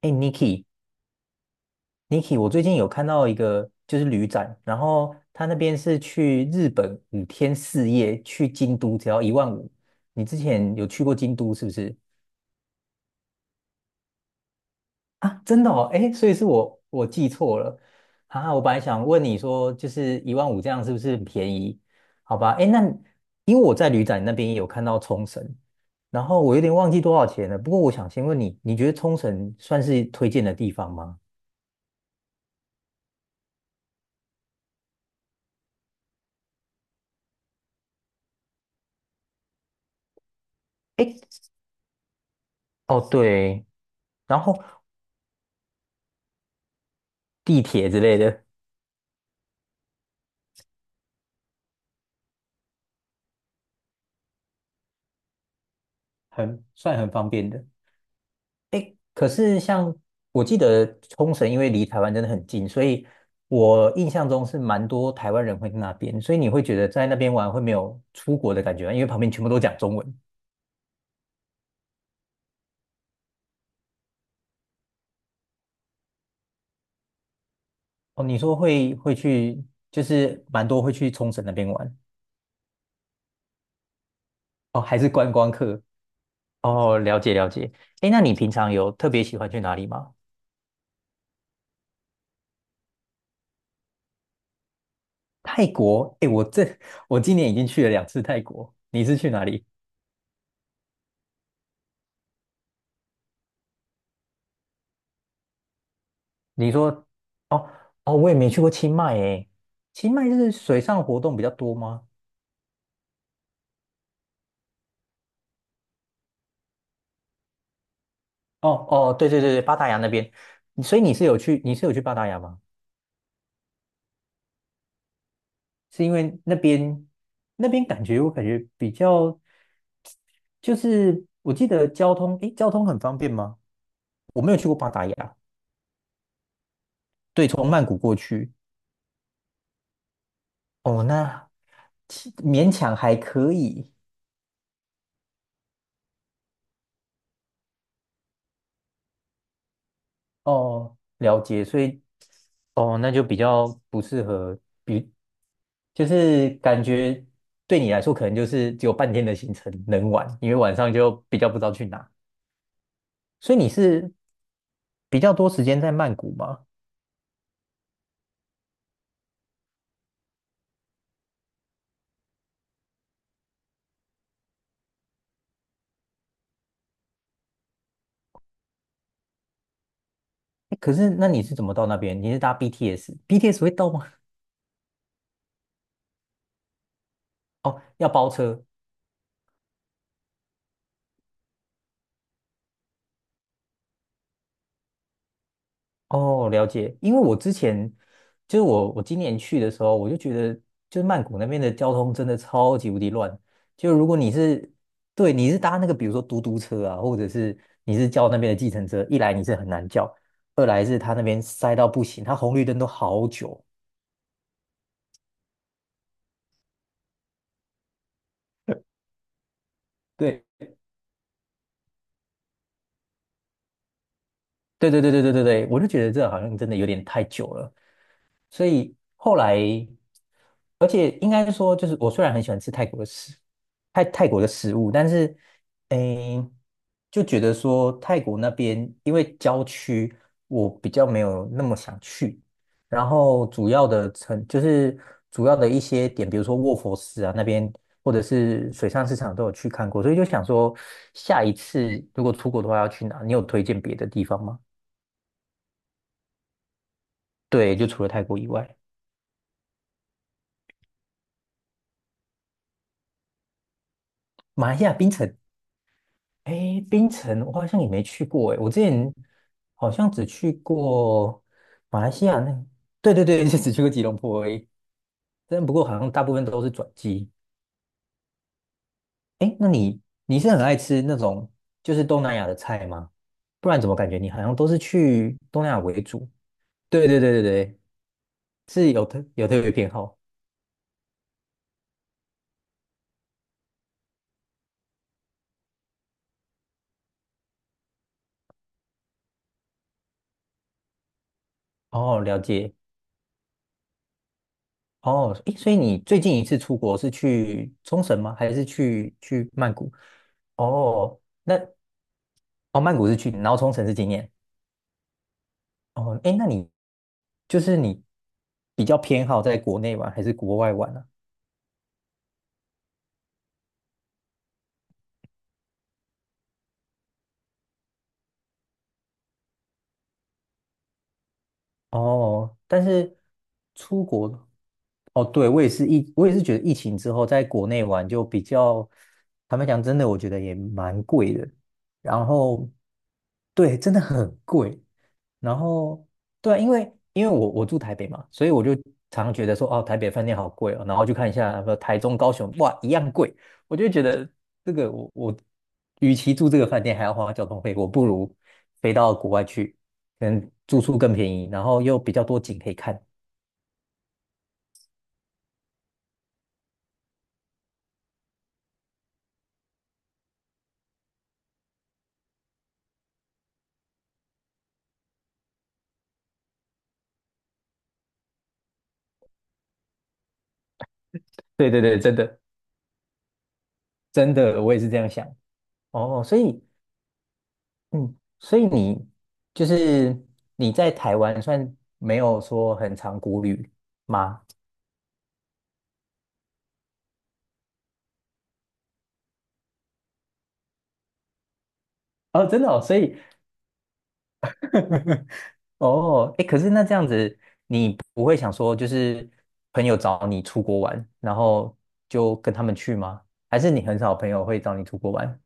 哎，Niki，Niki，我最近有看到一个就是旅展，然后他那边是去日本5天4夜，去京都只要一万五。你之前有去过京都是不是？啊，真的哦，哎，所以是我记错了啊。我本来想问你说，就是一万五这样是不是很便宜？好吧，哎，那因为我在旅展那边也有看到冲绳，然后我有点忘记多少钱了。不过我想先问你，你觉得冲绳算是推荐的地方吗？哎，哦对。然后地铁之类的。很算很方便的。诶，可是像我记得冲绳，因为离台湾真的很近，所以我印象中是蛮多台湾人会去那边，所以你会觉得在那边玩会没有出国的感觉吗？因为旁边全部都讲中文。哦，你说会去，就是蛮多会去冲绳那边玩。哦，还是观光客。哦，了解了解。诶，那你平常有特别喜欢去哪里吗？泰国？诶，我今年已经去了2次泰国，你是去哪里？你说，哦哦，我也没去过清迈诶，清迈就是水上活动比较多吗？哦哦，对对对对，巴达雅那边，所以你是有去，你是有去巴达雅吗？是因为那边我感觉比较，就是我记得交通，诶，交通很方便吗？我没有去过巴达雅，对，从曼谷过去，哦，那其勉强还可以，哦，了解，所以哦，那就比较不适合，比就是感觉对你来说，可能就是只有半天的行程能玩，因为晚上就比较不知道去哪。所以你是比较多时间在曼谷吗？诶可是那你是怎么到那边？你是搭 BTS？BTS 会到吗？哦，要包车哦，了解。因为我之前就是我今年去的时候，我就觉得就是曼谷那边的交通真的超级无敌乱。就如果你是对你是搭那个比如说嘟嘟车啊，或者是你是叫那边的计程车，一来你是很难叫，二来是他那边塞到不行，他红绿灯都好久。对对对对对对对对，我就觉得这好像真的有点太久了。所以后来，而且应该说，就是我虽然很喜欢吃泰国的食物，但是，诶，就觉得说泰国那边因为郊区，我比较没有那么想去。然后主要的一些点，比如说卧佛寺啊那边，或者是水上市场都有去看过，所以就想说，下一次如果出国的话要去哪？你有推荐别的地方吗？对，就除了泰国以外，马来西亚槟城。哎，槟城我好像也没去过哎，我之前好像只去过马来西亚那，对对对，就只去过吉隆坡而已。但不过好像大部分都是转机。哎，那你是很爱吃那种就是东南亚的菜吗？不然怎么感觉你好像都是去东南亚为主？对对对对对，是有特别偏好。哦，了解。哦，诶，所以你最近一次出国是去冲绳吗？还是去曼谷？哦，那哦，曼谷是去，然后冲绳是今年。哦，诶，那你就是你比较偏好在国内玩还是国外玩呢、哦，但是出国，哦，对，我也是觉得疫情之后在国内玩就比较，坦白讲，真的我觉得也蛮贵的。然后，对，真的很贵。然后，对啊因为我住台北嘛，所以我就常常觉得说，哦，台北饭店好贵哦。然后就看一下，台中、高雄，哇，一样贵。我就觉得这个我，与其住这个饭店还要花交通费，我不如飞到国外去。可能住宿更便宜，然后又比较多景可以看。对对对，真的真的，我也是这样想。哦，哦所以，嗯，所以你就是你在台湾算没有说很常国旅吗？哦，真的哦，所以 哦，哎，可是那这样子，你不会想说就是朋友找你出国玩，然后就跟他们去吗？还是你很少朋友会找你出国玩？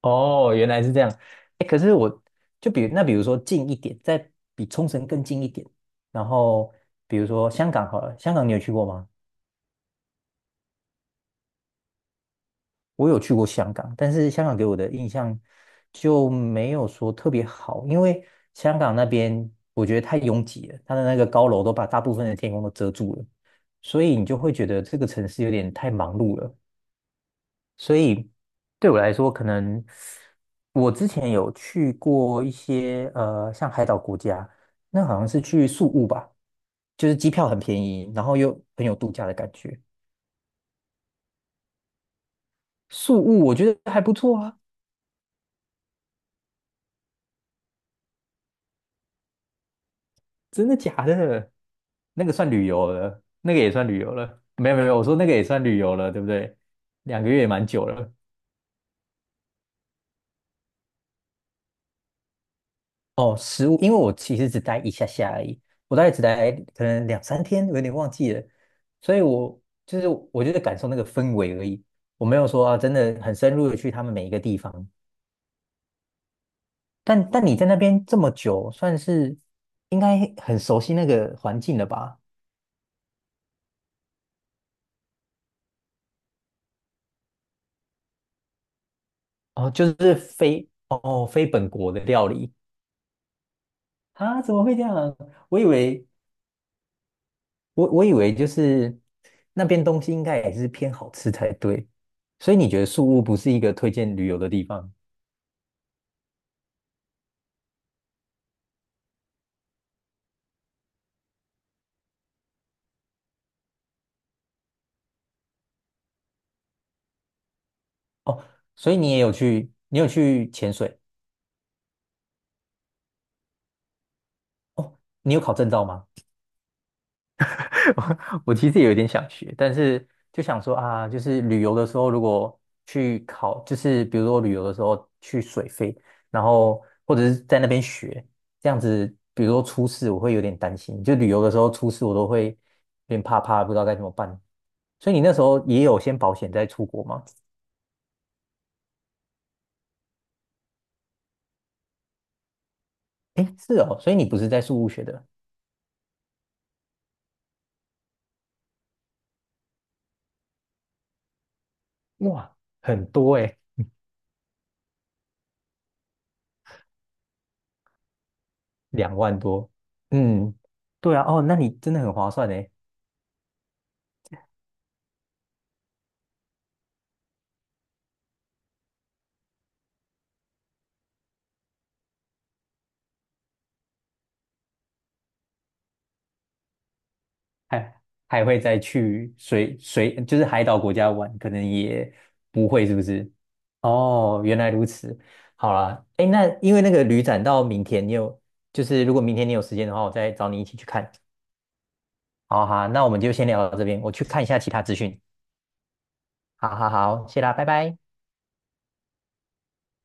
哦，原来是这样。哎，可是我就比如说近一点，再比冲绳更近一点，然后比如说香港好了，香港你有去过吗？我有去过香港，但是香港给我的印象就没有说特别好，因为香港那边我觉得太拥挤了，它的那个高楼都把大部分的天空都遮住了，所以你就会觉得这个城市有点太忙碌了。所以对我来说，可能我之前有去过一些像海岛国家，那好像是去宿务吧，就是机票很便宜，然后又很有度假的感觉。宿务我觉得还不错啊，真的假的？那个算旅游了，那个也算旅游了。没有没有，我说那个也算旅游了，对不对？2个月也蛮久了。哦，食物，因为我其实只待一下下而已，我大概只待可能两三天，我有点忘记了，所以我就是感受那个氛围而已，我没有说啊，真的很深入的去他们每一个地方。但你在那边这么久，算是应该很熟悉那个环境了吧？哦，就是非本国的料理啊，怎么会这样？我以为我以为就是那边东西应该也是偏好吃才对，所以你觉得宿屋不是一个推荐旅游的地方哦？所以你也有去，你有去潜水，你有考证照吗？我其实也有点想学，但是就想说啊，就是旅游的时候如果去考，就是比如说旅游的时候去水费，然后或者是在那边学，这样子，比如说出事，我会有点担心。就旅游的时候出事，我都会有点怕怕，不知道该怎么办。所以你那时候也有先保险再出国吗？诶，是哦，所以你不是在宿务学的，哇，很多诶，2万多，嗯，对啊，哦，那你真的很划算呢。还还会再去水，就是海岛国家玩，可能也不会，是不是？哦，原来如此。好啦，哎，那因为那个旅展到明天，你有就是如果明天你有时间的话，我再找你一起去看。好好，那我们就先聊到这边，我去看一下其他资讯。好好好，谢啦，拜拜。